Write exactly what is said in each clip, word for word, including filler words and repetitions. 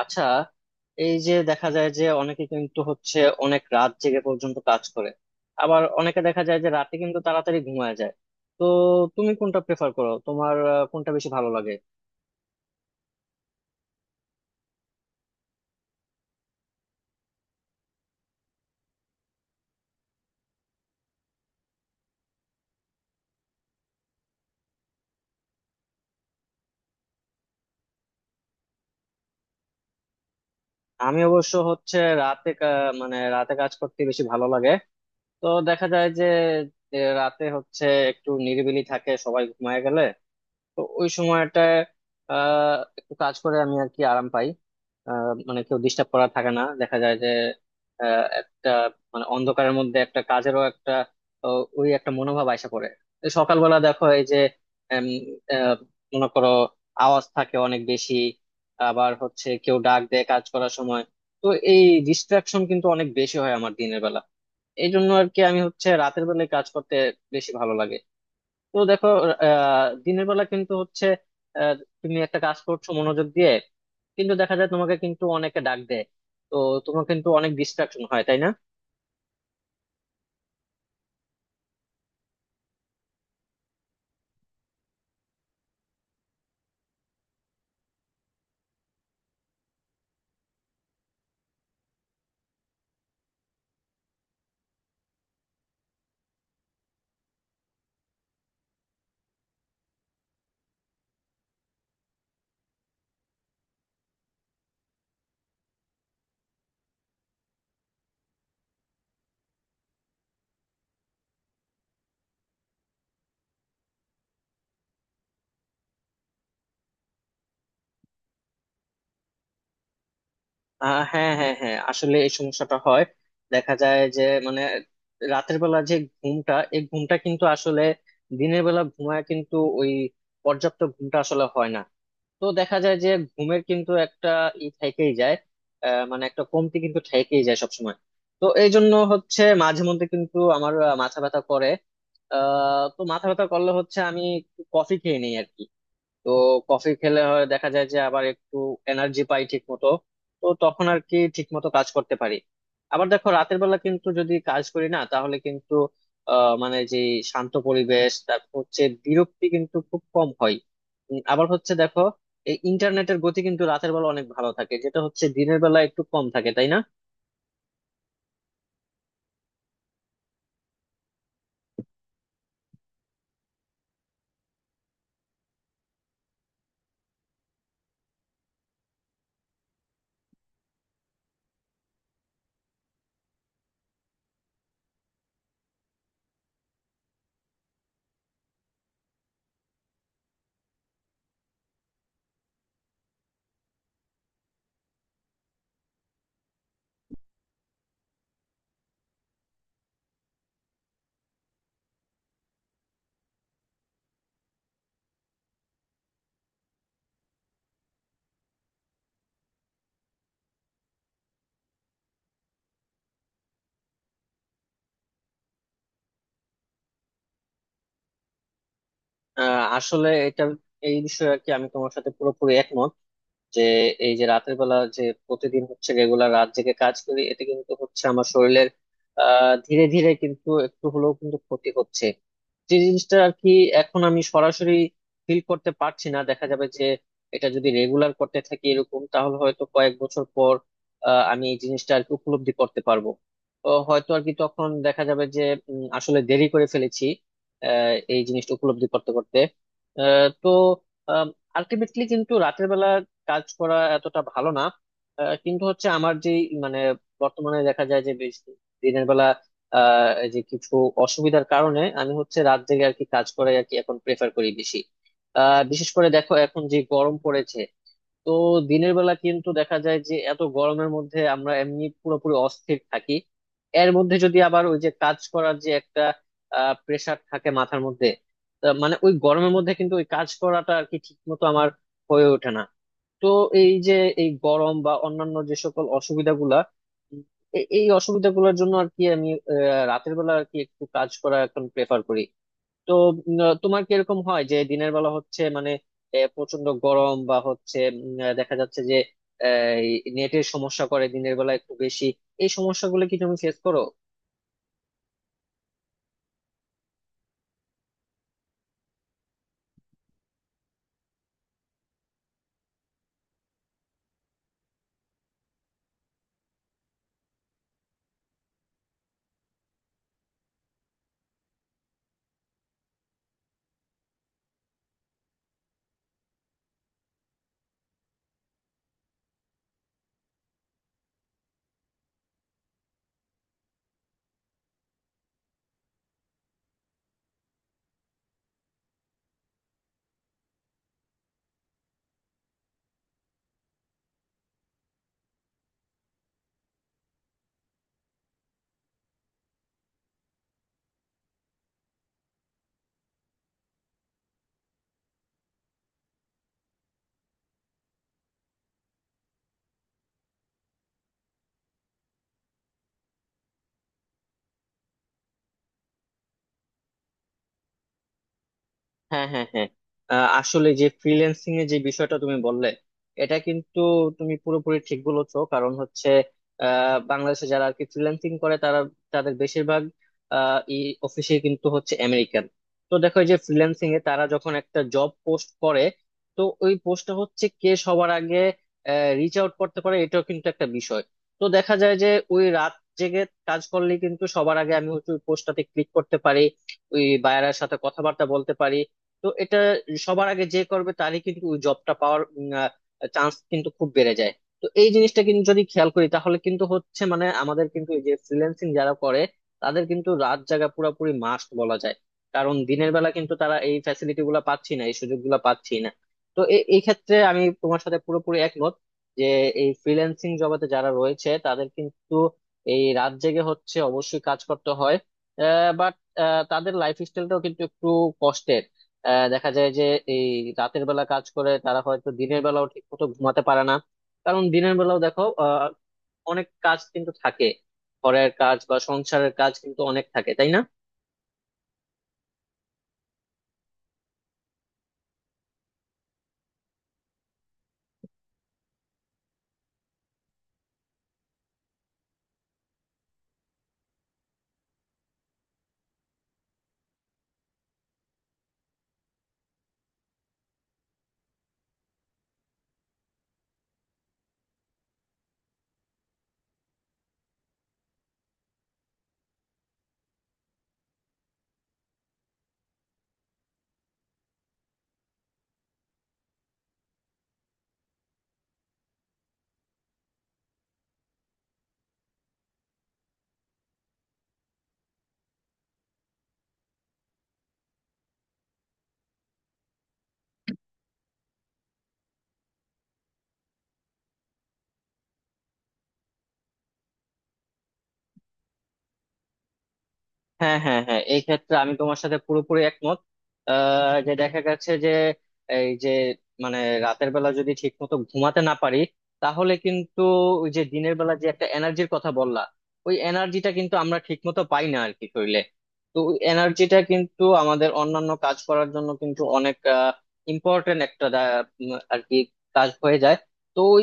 আচ্ছা, এই যে দেখা যায় যে অনেকে কিন্তু হচ্ছে অনেক রাত জেগে পর্যন্ত কাজ করে। আবার অনেকে দেখা যায় যে রাতে কিন্তু তাড়াতাড়ি ঘুমায় যায়। তো তুমি কোনটা প্রেফার করো, তোমার আহ, কোনটা বেশি ভালো লাগে? আমি অবশ্য হচ্ছে রাতে কা- মানে রাতে কাজ করতে বেশি ভালো লাগে। তো দেখা যায় যে যে রাতে হচ্ছে একটু নিরিবিলি থাকে, সবাই ঘুমায় গেলে। তো ওই সময়টায় আহ একটু কাজ করে আমি আর কি আরাম পাই। আহ, মানে কেউ ডিস্টার্ব করা থাকে না, দেখা যায় যে আহ, একটা মানে অন্ধকারের মধ্যে একটা কাজেরও একটা আহ, ওই একটা মনোভাব আইসা পড়ে। এই সকালবেলা দেখো, এই যে উম, আহ, মনে করো, আওয়াজ থাকে অনেক বেশি। আবার হচ্ছে কেউ ডাক দেয় কাজ করার সময়। তো এই ডিস্ট্রাকশন কিন্তু অনেক বেশি হয় আমার দিনের বেলা। এই জন্য আর কি আমি হচ্ছে রাতের বেলায় কাজ করতে বেশি ভালো লাগে। তো দেখো আহ দিনের বেলা কিন্তু হচ্ছে আহ, তুমি একটা কাজ করছো মনোযোগ দিয়ে, কিন্তু দেখা যায় তোমাকে কিন্তু অনেকে ডাক দেয়। তো তোমার কিন্তু অনেক ডিস্ট্রাকশন হয়, তাই না? আহ, হ্যাঁ, হ্যাঁ, হ্যাঁ, আসলে এই সমস্যাটা হয়। দেখা যায় যে মানে রাতের বেলা যে ঘুমটা এই ঘুমটা কিন্তু আসলে দিনের বেলা ঘুমায়, কিন্তু ওই পর্যাপ্ত ঘুমটা আসলে হয় না। তো দেখা যায় যে ঘুমের কিন্তু একটা ই থেকেই যায়, আহ, মানে একটা কমতি কিন্তু থেকেই যায় সবসময়। তো এই জন্য হচ্ছে মাঝে মধ্যে কিন্তু আমার আহ, মাথা ব্যথা করে। আহ তো মাথা ব্যথা করলে হচ্ছে আমি একটু কফি খেয়ে নিই আর কি। তো কফি খেলে হয়, দেখা যায় যে আবার একটু এনার্জি পাই ঠিক মতো। তো তখন আর কি ঠিক মতো কাজ করতে পারি। আবার দেখো রাতের বেলা কিন্তু যদি কাজ করি না, তাহলে কিন্তু আহ মানে যে শান্ত পরিবেশ, তারপর হচ্ছে বিরক্তি কিন্তু খুব কম হয়। উম, আবার হচ্ছে দেখো, এই ইন্টারনেটের গতি কিন্তু রাতের বেলা অনেক ভালো থাকে, যেটা হচ্ছে দিনের বেলা একটু কম থাকে, তাই না? আহ আসলে এটা এই বিষয়ে আর কি আমি তোমার সাথে পুরোপুরি একমত যে এই যে রাতের বেলা যে প্রতিদিন হচ্ছে রেগুলার রাত জেগে কাজ করি, এতে কিন্তু হচ্ছে আমার শরীরের আহ ধীরে ধীরে কিন্তু একটু হলেও কিন্তু ক্ষতি হচ্ছে, যে জিনিসটা আর কি এখন আমি সরাসরি ফিল করতে পারছি না। দেখা যাবে যে এটা যদি রেগুলার করতে থাকি এরকম, তাহলে হয়তো কয়েক বছর পর আহ, আমি এই জিনিসটা আর কি উপলব্ধি করতে পারবো। তো হয়তো আর কি তখন দেখা যাবে যে উম, আসলে দেরি করে ফেলেছি আহ, এই জিনিসটা উপলব্ধি করতে করতে। আহ, তো আলটিমেটলি কিন্তু রাতের বেলা কাজ করা এতটা ভালো না। আহ, কিন্তু হচ্ছে আমার যে মানে বর্তমানে দেখা যায় যে বেশ দিনের বেলা আহ এই যে কিছু অসুবিধার কারণে আমি হচ্ছে রাত জেগে আর কি কাজ করাই আর কি এখন প্রেফার করি বেশি। আহ বিশেষ করে দেখো এখন যে গরম পড়েছে। তো দিনের বেলা কিন্তু দেখা যায় যে এত গরমের মধ্যে আমরা এমনি পুরোপুরি অস্থির থাকি। এর মধ্যে যদি আবার ওই যে কাজ করার যে একটা প্রেসার থাকে মাথার মধ্যে, তা মানে ওই গরমের মধ্যে কিন্তু ওই কাজ করাটা আর কি ঠিক মতো আমার হয়ে ওঠে না। তো এই যে এই গরম বা অন্যান্য যে সকল অসুবিধাগুলা, উম, এ- এই অসুবিধাগুলোর জন্য আর কি আমি আহ, রাতের বেলা আর কি একটু কাজ করা এখন প্রেফার করি। তো উম, আহ, তোমার কি এরকম হয় যে দিনের বেলা হচ্ছে মানে এ, প্রচন্ড গরম বা হচ্ছে উম, আহ, দেখা যাচ্ছে যে নেটের সমস্যা করে দিনের বেলা একটু বেশি, এই সমস্যাগুলো কি তুমি ফেস করো? হ্যাঁ, হ্যাঁ, হ্যাঁ, আহ, আসলে যে ফ্রিল্যান্সিং এর যে বিষয়টা তুমি বললে, এটা কিন্তু তুমি পুরোপুরি ঠিক বলেছো। কারণ হচ্ছে আহ, বাংলাদেশে যারা আর কি ফ্রিল্যান্সিং করে, তারা তাদের বেশিরভাগ আহ, এই অফিসে কিন্তু হচ্ছে আমেরিকান। তো দেখো এই যে ফ্রিল্যান্সিং এ তারা যখন একটা জব পোস্ট করে, তো ওই পোস্টটা হচ্ছে কে সবার আগে রিচ আউট করতে পারে, এটাও কিন্তু একটা বিষয়। তো দেখা যায় যে ওই রাত জেগে কাজ করলে কিন্তু সবার আগে আমি হচ্ছে ওই পোস্টটাতে ক্লিক করতে পারি, ওই বায়ারের সাথে কথাবার্তা বলতে পারি। তো এটা সবার আগে যে করবে তারই কিন্তু ওই জবটা পাওয়ার চান্স কিন্তু খুব বেড়ে যায়। তো এই জিনিসটা কিন্তু যদি খেয়াল করি তাহলে কিন্তু হচ্ছে মানে আমাদের কিন্তু এই যে ফ্রিল্যান্সিং যারা করে তাদের কিন্তু রাত জাগা পুরোপুরি মাস্ট বলা যায়। কারণ দিনের বেলা কিন্তু তারা এই ফ্যাসিলিটি গুলা পাচ্ছি না, এই সুযোগ গুলা পাচ্ছি না। তো এ- এই ক্ষেত্রে আমি তোমার সাথে পুরোপুরি একমত যে এই ফ্রিল্যান্সিং জগতে যারা রয়েছে তাদের কিন্তু এই রাত জেগে হচ্ছে অবশ্যই কাজ করতে হয়। বাট তাদের লাইফ স্টাইলটাও কিন্তু একটু কষ্টের। আহ দেখা যায় যে এই রাতের বেলা কাজ করে তারা হয়তো দিনের বেলাও ঠিক মতো ঘুমাতে পারে না। কারণ দিনের বেলাও দেখো আহ অনেক কাজ কিন্তু থাকে, ঘরের কাজ বা সংসারের কাজ কিন্তু অনেক থাকে, তাই না? হ্যাঁ, হ্যাঁ, হ্যাঁ, এই ক্ষেত্রে আমি তোমার সাথে পুরোপুরি একমত। আহ, যে দেখা গেছে যে এই যে মানে রাতের বেলা যদি ঠিক মতো ঘুমাতে না পারি তাহলে কিন্তু ওই যে দিনের বেলা যে একটা এনার্জির কথা বললা, ওই এনার্জিটা কিন্তু আমরা ঠিক মতো পাই না আর কি শরীরে। তো ওই এনার্জিটা কিন্তু আমাদের অন্যান্য কাজ করার জন্য কিন্তু অনেক ইম্পর্টেন্ট একটা দা- উম, আর কি কাজ হয়ে যায়। তো ওই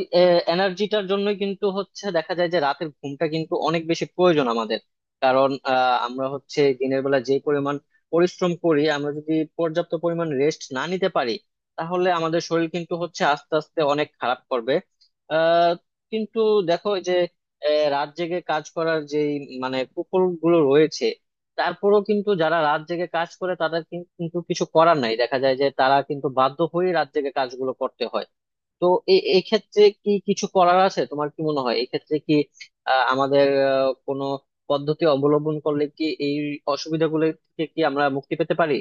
এনার্জিটার জন্যই কিন্তু হচ্ছে দেখা যায় যে রাতের ঘুমটা কিন্তু অনেক বেশি প্রয়োজন আমাদের। কারণ আহ, আমরা হচ্ছে দিনের বেলা যে পরিমাণ পরিশ্রম করি, আমরা যদি পর্যাপ্ত পরিমাণ রেস্ট না নিতে পারি তাহলে আমাদের শরীর কিন্তু হচ্ছে আস্তে আস্তে অনেক খারাপ করবে। আহ, কিন্তু দেখো এই যে আহ, রাত জেগে কাজ করার যে মানে কুফল গুলো রয়েছে, তারপরেও কিন্তু যারা রাত জেগে কাজ করে তাদের কিন- কিন্তু কিছু করার নাই, দেখা যায় যে তারা কিন্তু বাধ্য হয়ে রাত জেগে কাজগুলো করতে হয়। তো এ- এক্ষেত্রে কি কিছু করার আছে? তোমার কি মনে হয় এক্ষেত্রে কি আহ, আমাদের আহ, কোনো পদ্ধতি অবলম্বন করলে কি এই অসুবিধাগুলো থেকে কি আমরা মুক্তি পেতে পারি?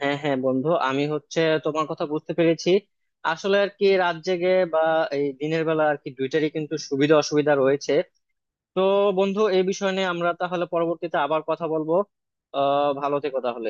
হ্যাঁ, হ্যাঁ, বন্ধু, আমি হচ্ছে তোমার কথা বুঝতে পেরেছি। আসলে আর কি রাত জেগে বা এই দিনের বেলা আর কি দুইটারই কিন্তু সুবিধা অসুবিধা রয়েছে। তো বন্ধু, এই বিষয় নিয়ে আমরা তাহলে পরবর্তীতে আবার কথা বলবো। আহ ভালো থেকো তাহলে।